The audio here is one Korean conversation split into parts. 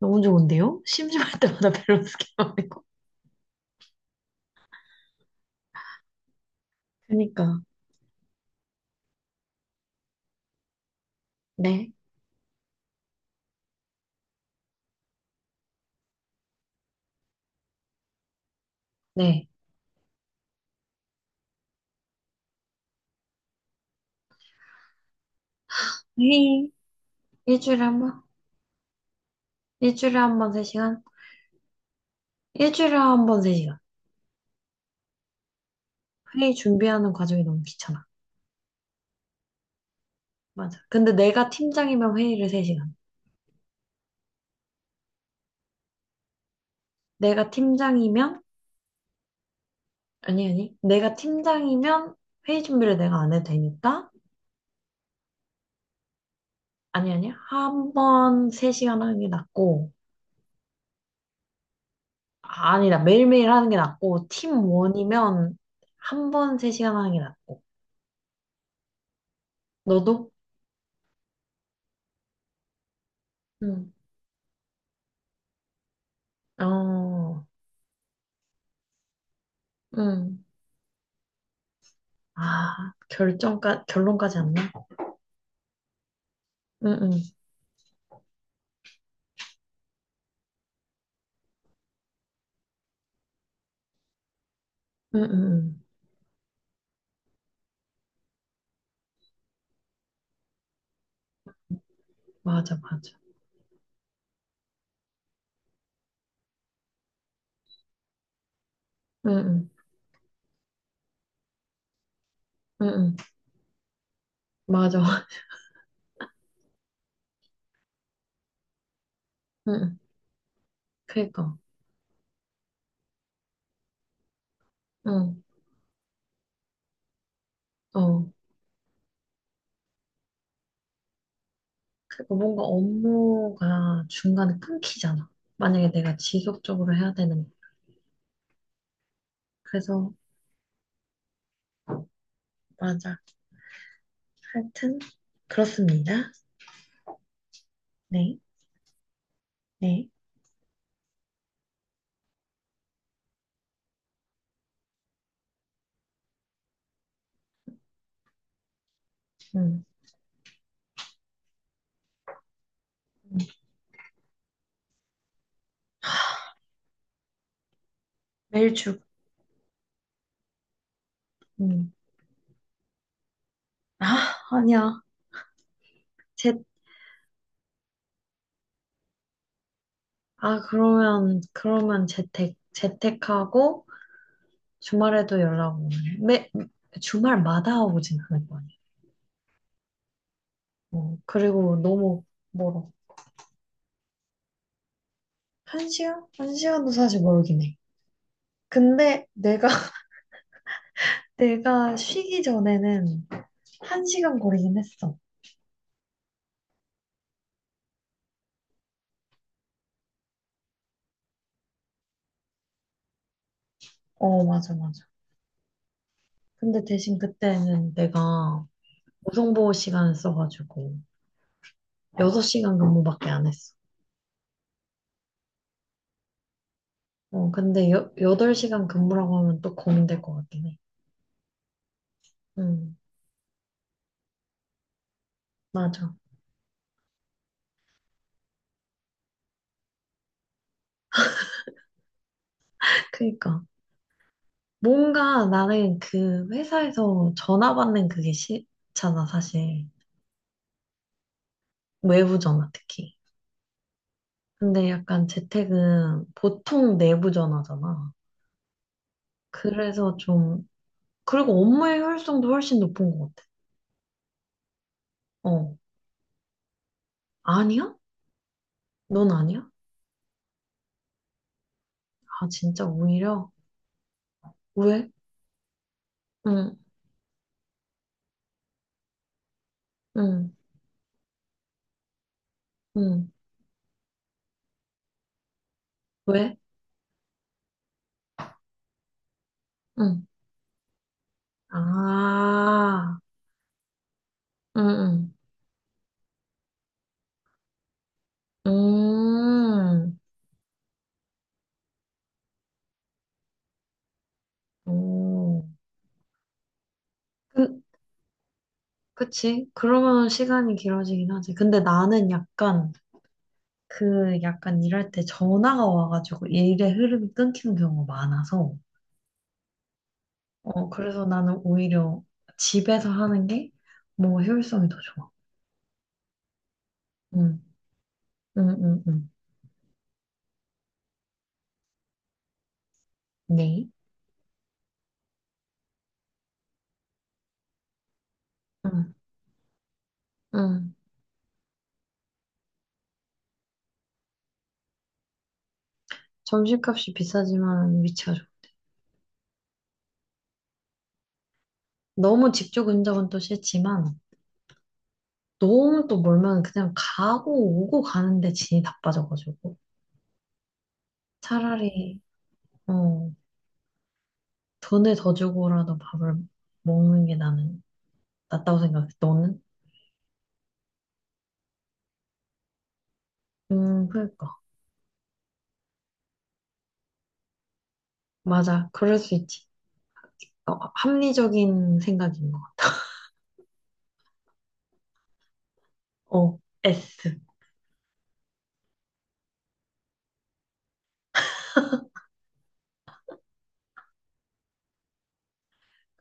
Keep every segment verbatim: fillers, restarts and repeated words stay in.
너무 좋은데요? 심심할 때마다 밸런스 게임 하고. 그니까. 네. 네. 회의 일주일에 한 번? 일주일에 한 번 세시간. 일주일에 한 번 세시간. 회의 준비하는 과정이 너무 귀찮아. 맞아. 근데 내가 팀장이면 회의를 세시간, 내가 팀장이면, 아니, 아니. 내가 팀장이면 회의 준비를 내가 안 해도 되니까, 아니, 아니. 한 번 세시간 하는 게 낫고, 아, 아니다. 매일매일 하는 게 낫고, 팀원이면 한 번 세시간 하는 게 낫고. 너도? 어, 응, 아, 결정까, 결론까지 안 나? 응, 응, 응, 응, 응. 맞아, 맞아. 응, 응, 응, 응. 맞아. 응, 응. 그니까, 응, 어. 그니까 뭔가 업무가 중간에 끊기잖아. 만약에 내가 지속적으로 해야 되는. 그래서, 맞아. 하여튼, 그렇습니다. 네, 네, 응, 매일 출근. 응. 아, 아니야. 재, 아, 그러면, 그러면 재택, 재택하고, 주말에도 연락 오고, 매, 주말마다 오진 않을 거 아니야. 어, 그리고 너무 멀어. 한 시간? 한 시간도 사실 멀긴 해. 근데 내가, 내가 쉬기 전에는 한 시간 거리긴 했어. 어, 맞아, 맞아. 근데 대신 그때는 내가 우성보호 시간을 써가지고 여섯 시간 근무밖에 안 했어. 어, 근데 여, 덟시간 근무라고 하면 또 고민될 것 같긴 해. 음, 맞아. 그니까. 뭔가 나는 그 회사에서 전화 받는 그게 싫잖아, 사실. 외부 전화 특히. 근데 약간 재택은 보통 내부 전화잖아. 그래서 좀, 그리고 업무의 효율성도 훨씬 높은 것 같아. 어, 아니야? 넌 아니야? 아, 진짜 오히려? 왜? 응, 응, 응. 왜? 응. 아, 응, 응. 음, 오. 그 그치? 그러면 시간이 길어지긴 하지. 근데 나는 약간 그 약간 일할 때 전화가 와가지고 일의 흐름이 끊기는 경우가 많아서, 어, 그래서 나는 오히려 집에서 하는 게 뭐 효율성이 더 좋아. 응, 응, 응, 응. 네. 응, 응. 점심값이 비싸지만 위치가 좋아. 너무 직조 근접은 또 싫지만 너무 또 멀면 그냥 가고 오고 가는데 진이 바빠져가지고, 차라리 어 돈을 더 주고라도 밥을 먹는 게 나는 낫다고 생각해. 너는? 음, 그러니까. 맞아. 그럴 수 있지. 어, 합리적인 생각인 것 같아. 어, S.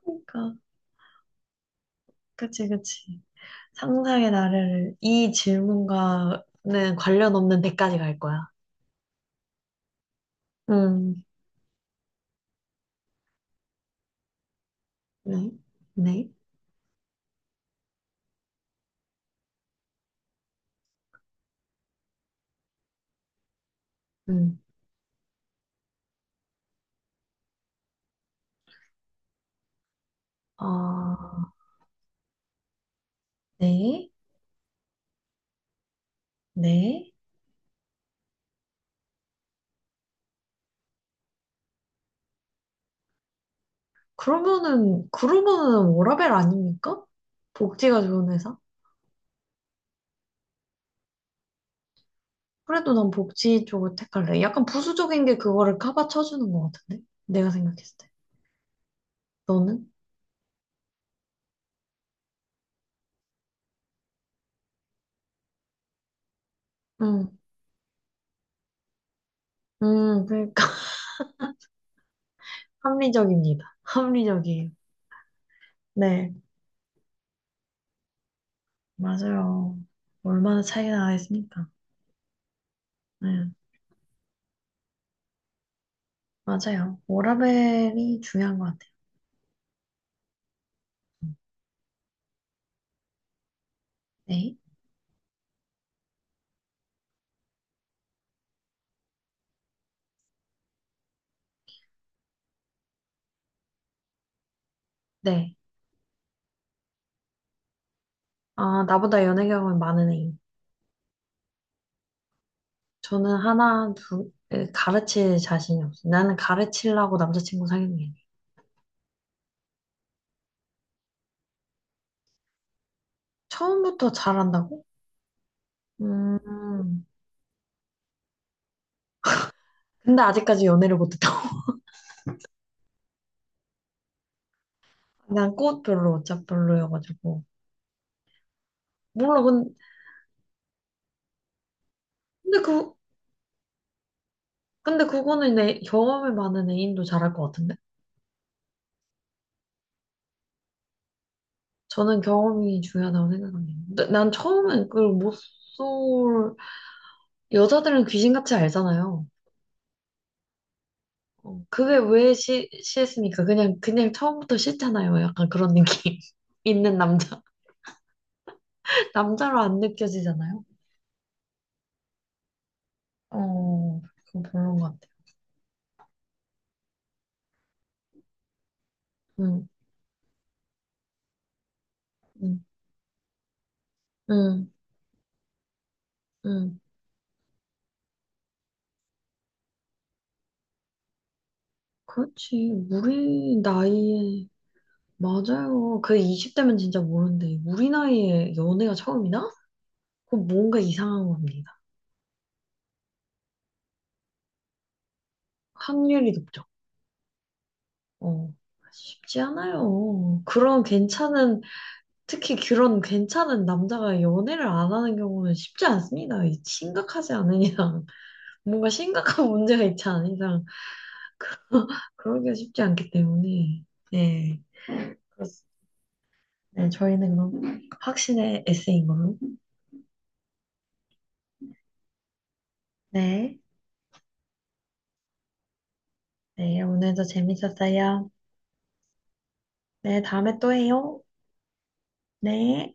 그러니까. 그치, 그치. 상상의 나래를, 이 질문과는 관련 없는 데까지 갈 거야. 음, 네. 네. 음, 아, 네. 네. 그러면은, 그러면은 워라밸 아닙니까? 복지가 좋은 회사? 그래도 난 복지 쪽을 택할래. 약간 부수적인 게 그거를 커버 쳐주는 것 같은데? 내가 생각했을 때. 너는? 응, 응, 그러니까. 합리적입니다. 합리적이에요. 네, 맞아요. 얼마나 차이가 나겠습니까? 네, 맞아요. 워라밸이 중요한 것 같아요. 네, 네. 아, 나보다 연애 경험이 많은 애인. 저는 하나, 둘, 에, 가르칠 자신이 없어. 나는 가르치려고 남자친구 사귀는 게 아니에요. 처음부터 잘한다고? 음, 근데 아직까지 연애를 못했다. 난 꽃 별로 어차피 별로여가지고 몰라. 근- 근데 그 근데 그거는 내 경험이 많은 애인도 잘할 것 같은데, 저는 경험이 중요하다고 생각합니다. 나- 난 처음엔 그걸 못 쏠 여자들은 귀신같이 알잖아요. 어, 그게 왜 시, 했습니까? 그냥 그냥 처음부터 싫잖아요. 약간 그런 느낌 있는 남자 남자로 안 느껴지잖아요. 어, 그건 별로인 것 같아요. 응, 응, 응, 응. 그렇지 우리 나이에. 맞아요. 그 이십 대 진짜 모르는데, 우리 나이에 연애가 처음이나? 그건 뭔가 이상한 겁니다. 확률이 높죠. 어, 쉽지 않아요. 그런 괜찮은, 특히 그런 괜찮은 남자가 연애를 안 하는 경우는 쉽지 않습니다. 이 심각하지 않은 이상, 뭔가 심각한 문제가 있지 않은 이상, 그러기가 쉽지 않기 때문에. 네. 그렇습니다. 네, 저희는 그럼 확신의 에세이인 걸로. 네. 네, 오늘도 재밌었어요. 네, 다음에 또 해요. 네.